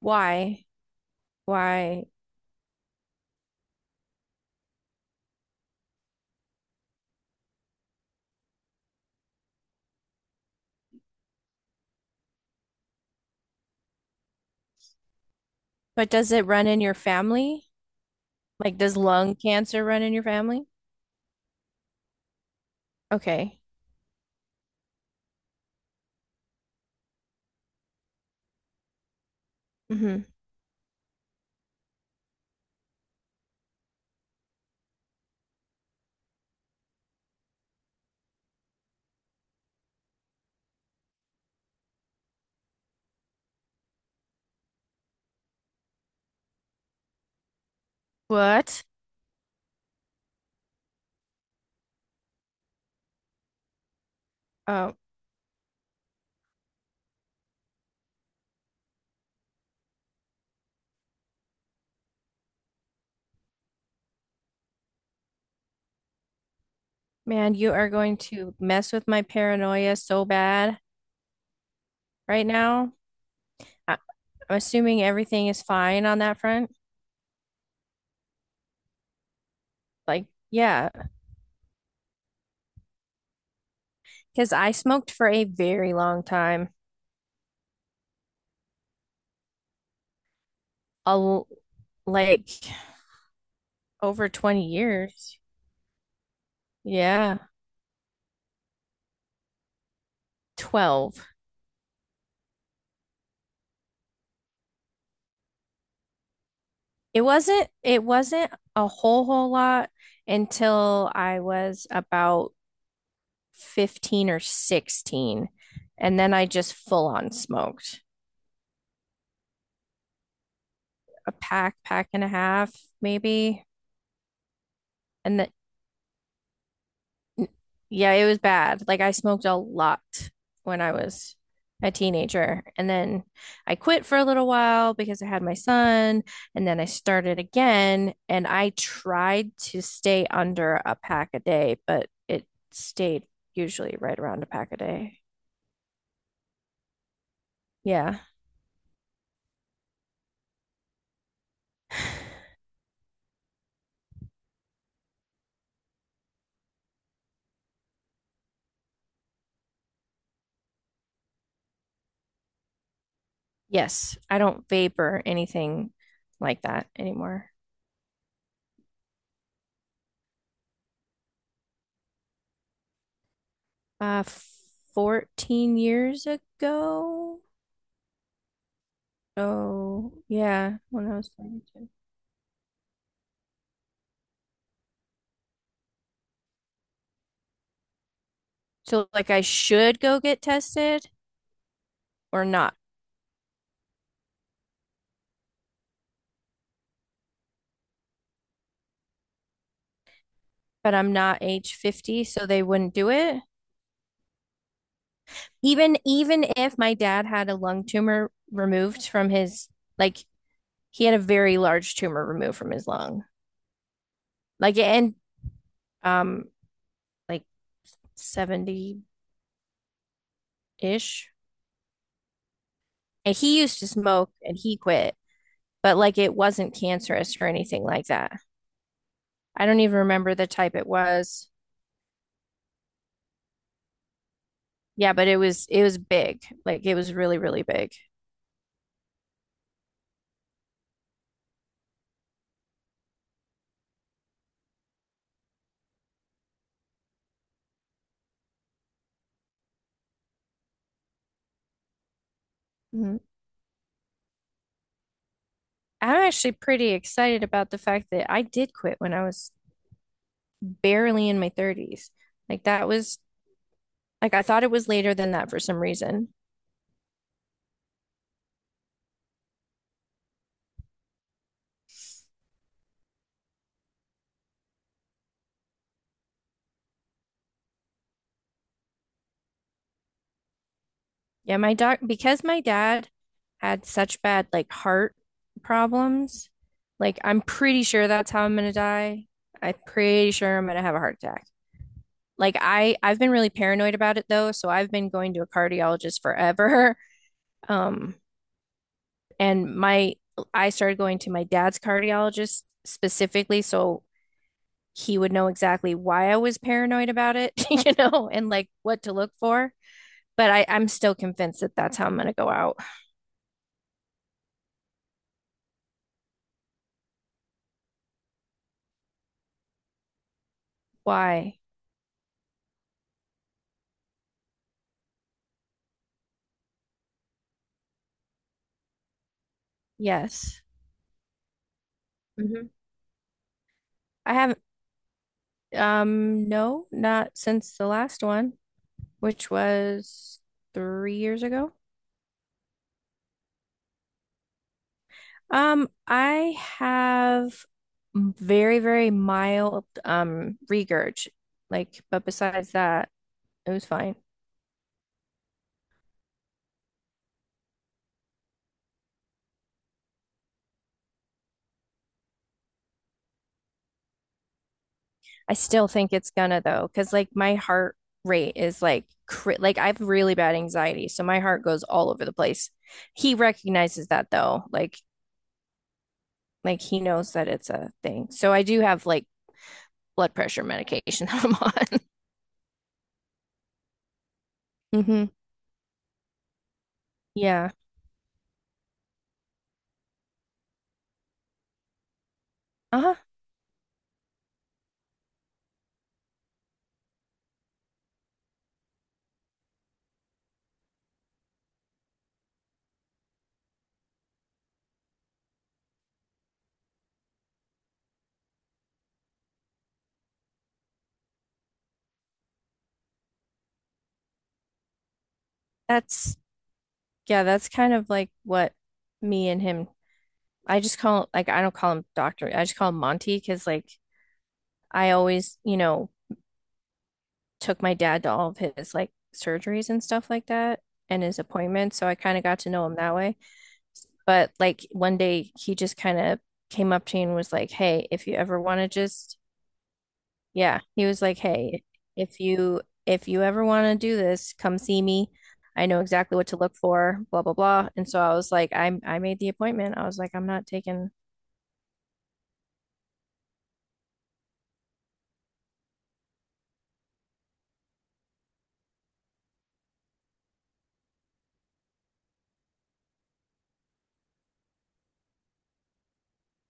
Why? Why? But does it run in your family? Like, does lung cancer run in your family? Okay. hmm What? Oh, man, you are going to mess with my paranoia so bad right now. I- I'm assuming everything is fine on that front. Like, yeah, because I smoked for a very long time, a l like over 20 years. Yeah, 12. It wasn't a whole lot until I was about 15 or 16. And then I just full on smoked a pack, pack and a half maybe. And th Yeah, it was bad. Like I smoked a lot when I was a teenager. And then I quit for a little while because I had my son, and then I started again and I tried to stay under a pack a day, but it stayed usually right around a pack a day. Yeah. Yes, I don't vape or anything like that anymore. Uh 14 years ago. Oh, yeah, when I was 22. So like I should go get tested or not, but I'm not age 50, so they wouldn't do it. Even if my dad had a lung tumor removed from his like he had a very large tumor removed from his lung. Like and um like, 70-ish. And he used to smoke and he quit, but like it wasn't cancerous or anything like that. I don't even remember the type it was. Yeah, but it was big. Like it was really, really big. Mhm. I'm actually pretty excited about the fact that I did quit when I was barely in my 30s. Like that was like I thought it was later than that for some reason. Yeah, my doc, because my dad had such bad like heart problems, like I'm pretty sure that's how I'm gonna die. I'm pretty sure I'm gonna have a heart attack. Like I've been really paranoid about it though, so I've been going to a cardiologist forever. Um, and my I started going to my dad's cardiologist specifically so he would know exactly why I was paranoid about it, you know, and like what to look for. But I'm still convinced that that's how I'm gonna go out. Why? Yes. hmm I haven't, no, not since the last one, which was 3 years ago. I have very, very mild, regurg. Like, but besides that, it was fine. I still think it's gonna though, because like my heart rate is like, cri like I have really bad anxiety, so my heart goes all over the place. He recognizes that though, like he knows that it's a thing. So I do have like blood pressure medication that I'm on. Mm-hmm. Yeah. Uh-huh. That's, yeah, that's kind of like what me and him I just call like I don't call him doctor. I just call him Monty because like I always, you know, took my dad to all of his like surgeries and stuff like that and his appointments, so I kind of got to know him that way. But like one day he just kind of came up to me and was like, "Hey, if you ever want to just Yeah, he was like, "Hey, if you ever want to do this, come see me. I know exactly what to look for, blah blah blah." And so I was like, I made the appointment." I was like, "I'm not taking."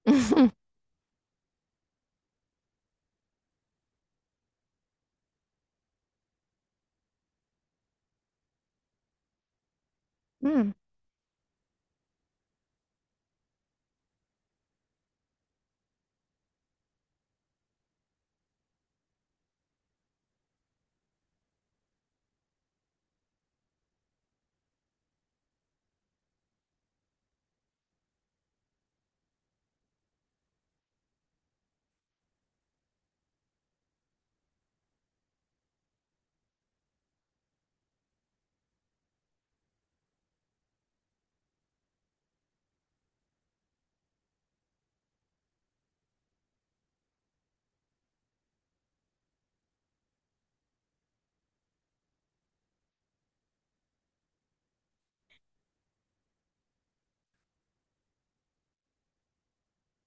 Hmm.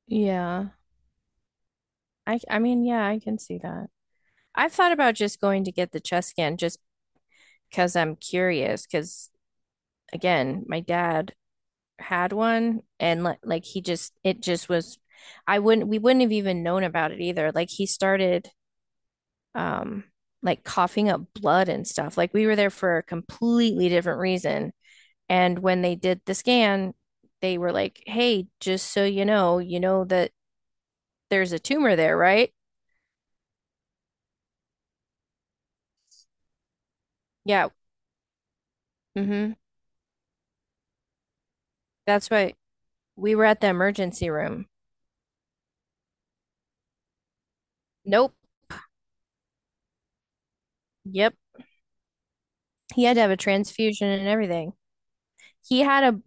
Yeah. I mean, yeah, I can see that. I've thought about just going to get the chest scan just because I'm curious because again, my dad had one and like he just it just was I wouldn't we wouldn't have even known about it either. Like he started um coughing up blood and stuff. Like we were there for a completely different reason. And when they did the scan, they were like, "Hey, just so you know that there's a tumor there, right?" Yeah. Mm-hmm. That's right. We were at the emergency room. Nope. Yep. He had to have a transfusion and everything. He had a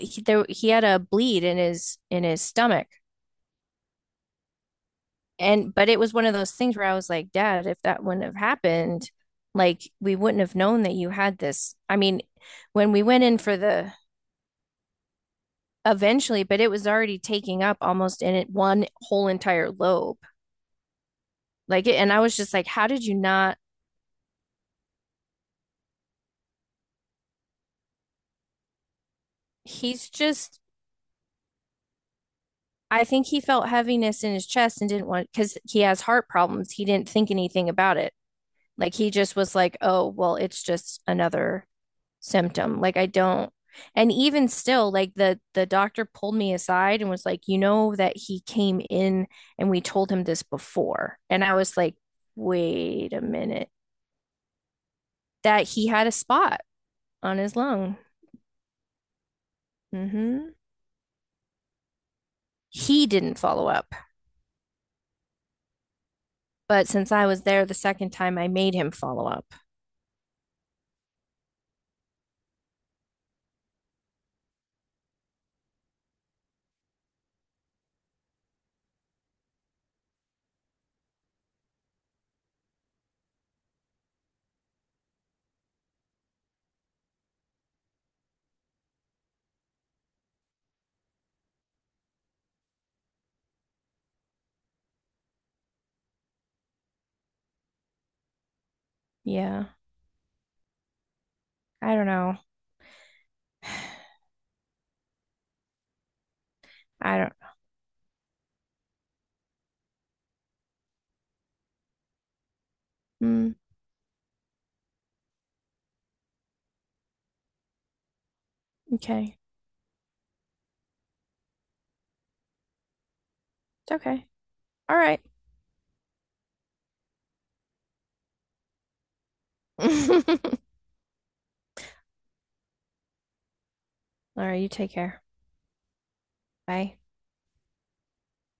he had a bleed in his stomach. And but it was one of those things where I was like, Dad, if that wouldn't have happened, like we wouldn't have known that you had this. I mean, when we went in for the, eventually, but it was already taking up almost in it one whole entire lobe. Like and I was just like, how did you not? He's just I think he felt heaviness in his chest and didn't want because he has heart problems. He didn't think anything about it. Like he just was like, oh, well, it's just another symptom. Like I don't and even still like the doctor pulled me aside and was like, "You know that he came in and we told him this before." And I was like, "Wait a minute. That he had a spot on his lung." Mhm. He didn't follow up. But since I was there the second time, I made him follow up. Yeah. I don't know. I don't. Mm, okay. It's okay. All right. All right. You take care. Bye.